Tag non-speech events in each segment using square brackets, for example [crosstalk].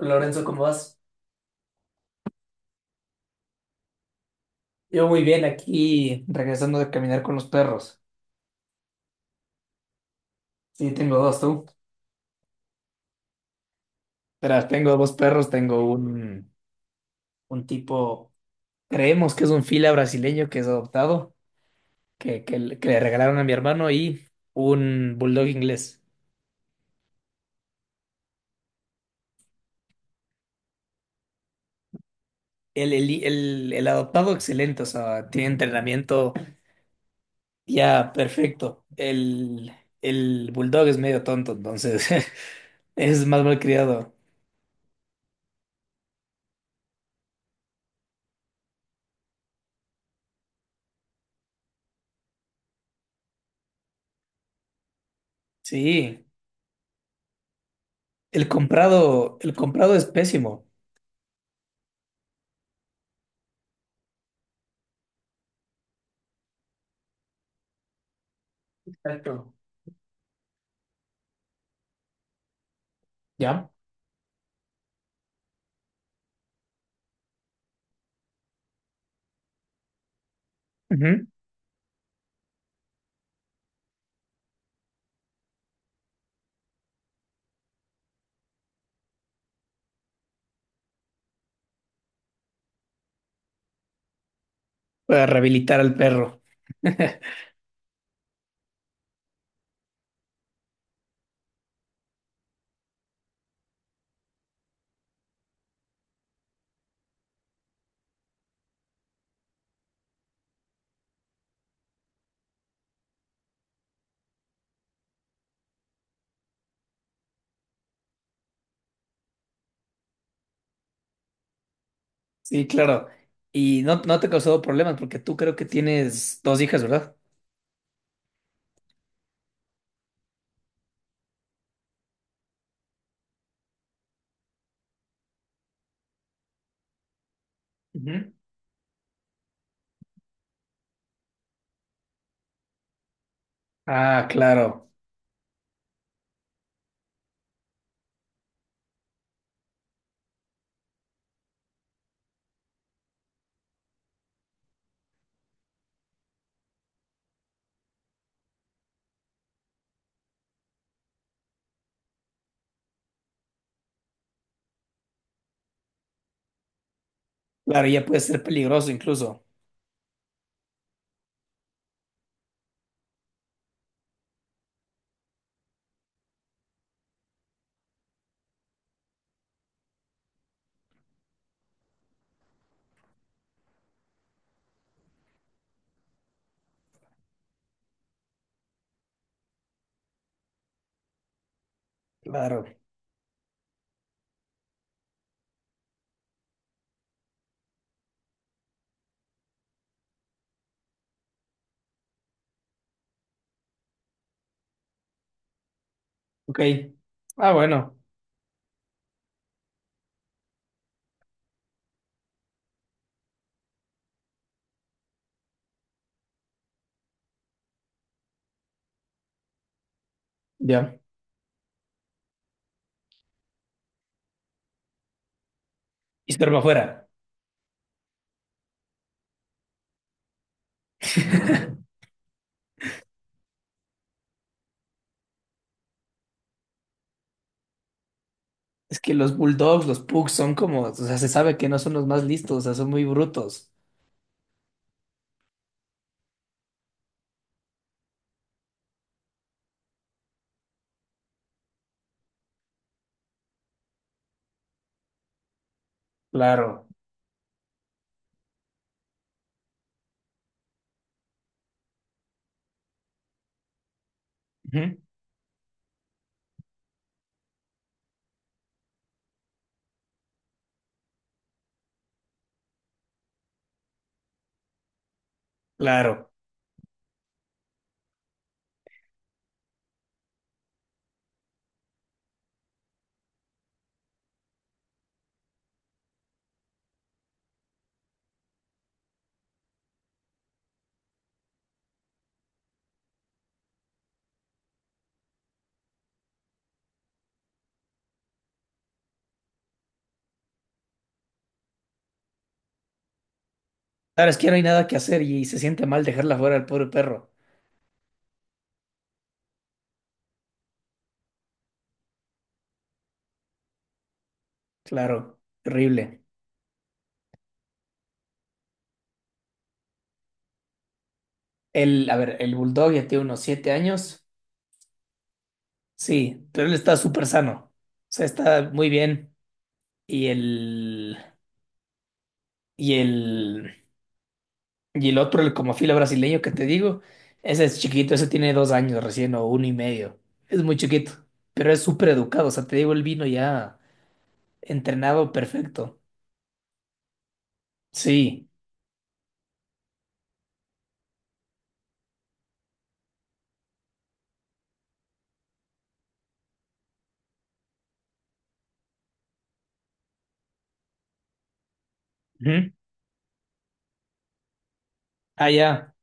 Lorenzo, ¿cómo vas? Yo muy bien aquí, regresando de caminar con los perros. Sí, tengo dos, tú. Verás, tengo dos perros, tengo un tipo, creemos que es un fila brasileño que es adoptado, que le regalaron a mi hermano y un bulldog inglés. El adoptado excelente, o sea, tiene entrenamiento ya perfecto. El bulldog es medio tonto, entonces [laughs] es más malcriado. Sí, el comprado es pésimo. Exacto. ¿Ya? Ujú. Para rehabilitar al perro. [laughs] Sí, claro. Y no, no te ha causado problemas porque tú creo que tienes dos hijas, ¿verdad? Ujú. Ah, claro. Claro, ya puede ser peligroso incluso. Claro. Ok. Ah, bueno. Ya. Y espero para afuera. [laughs] Es que los bulldogs, los pugs son como, o sea, se sabe que no son los más listos, o sea, son muy brutos. Claro. Ujú. Claro. Claro, es que no hay nada que hacer y se siente mal dejarla fuera al pobre perro. Claro, terrible. El, a ver, el Bulldog ya tiene unos 7 años. Sí, pero él está súper sano. O sea, está muy bien. Y el, y el, y el otro, el como fila brasileño que te digo, ese es chiquito, ese tiene 2 años recién o uno y medio. Es muy chiquito, pero es súper educado. O sea, te digo, él vino ya entrenado perfecto. Sí. Ujú. Ah, ya.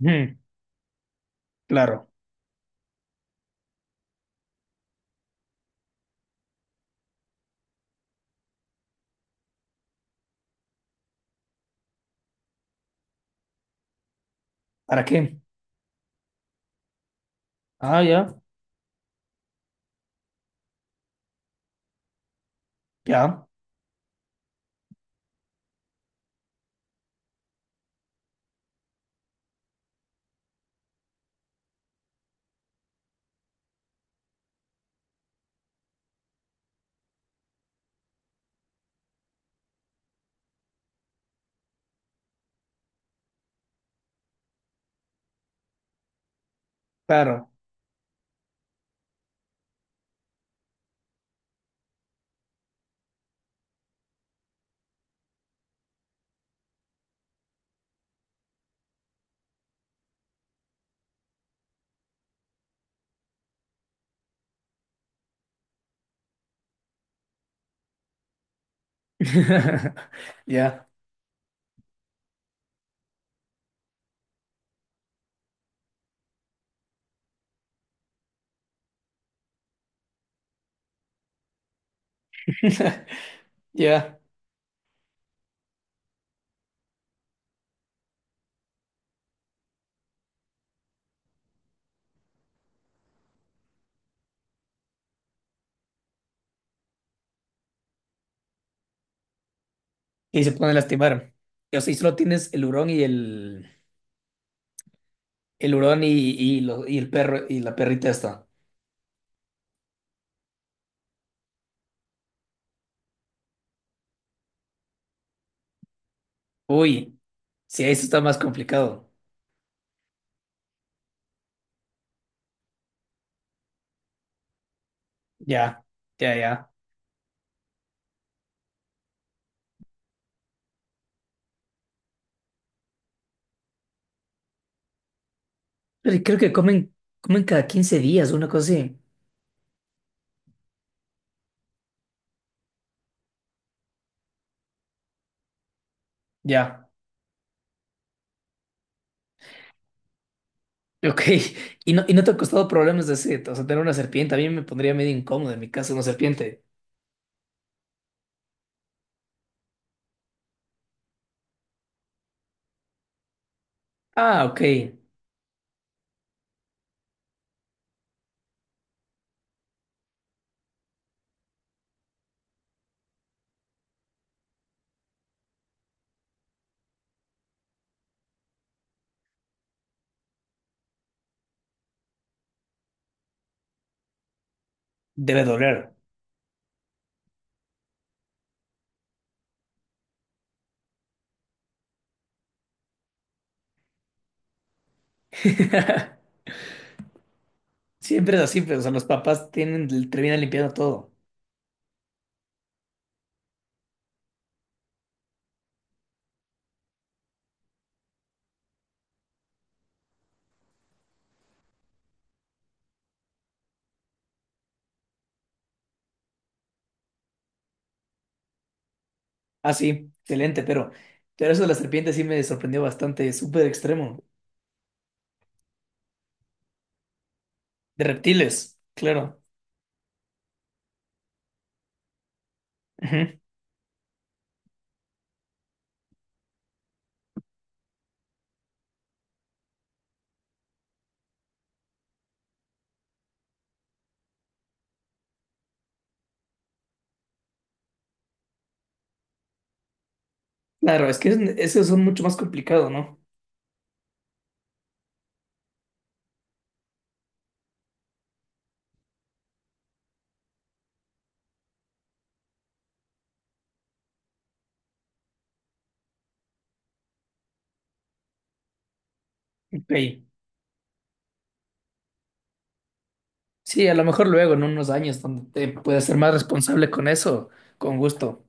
Ujú. Claro. ¿Para qué? Ah, ya. Ya. Claro. [laughs] Ya. [laughs] Ya. Y se pone a lastimar. Y, o sea, y solo tienes el hurón y, lo- y el perro y la perrita esta. Uy, sí, eso está más complicado. Ya, ya, ya. Pero creo que comen, comen cada 15 días, una cosa así. Ya, ok. [laughs] Y no te ha costado problemas de ese, o sea, tener una serpiente. A mí me pondría medio incómodo en mi casa una serpiente. Ah, ok. Debe doler. [laughs] Siempre es así, pero o sea, los papás tienen, terminan limpiando todo. Ah, sí, excelente, pero eso de la serpiente sí me sorprendió bastante, súper extremo. De reptiles, claro. Ujú. Claro, es que es- esos son mucho más complicados, ¿no? Ok. Sí, a lo mejor luego, en unos años, donde te puedas ser más responsable con eso, con gusto.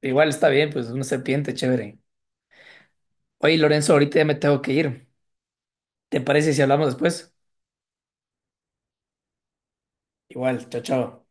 Igual está bien, pues una serpiente, chévere. Oye, Lorenzo, ahorita ya me tengo que ir. ¿Te parece si hablamos después? Igual, chao, chao.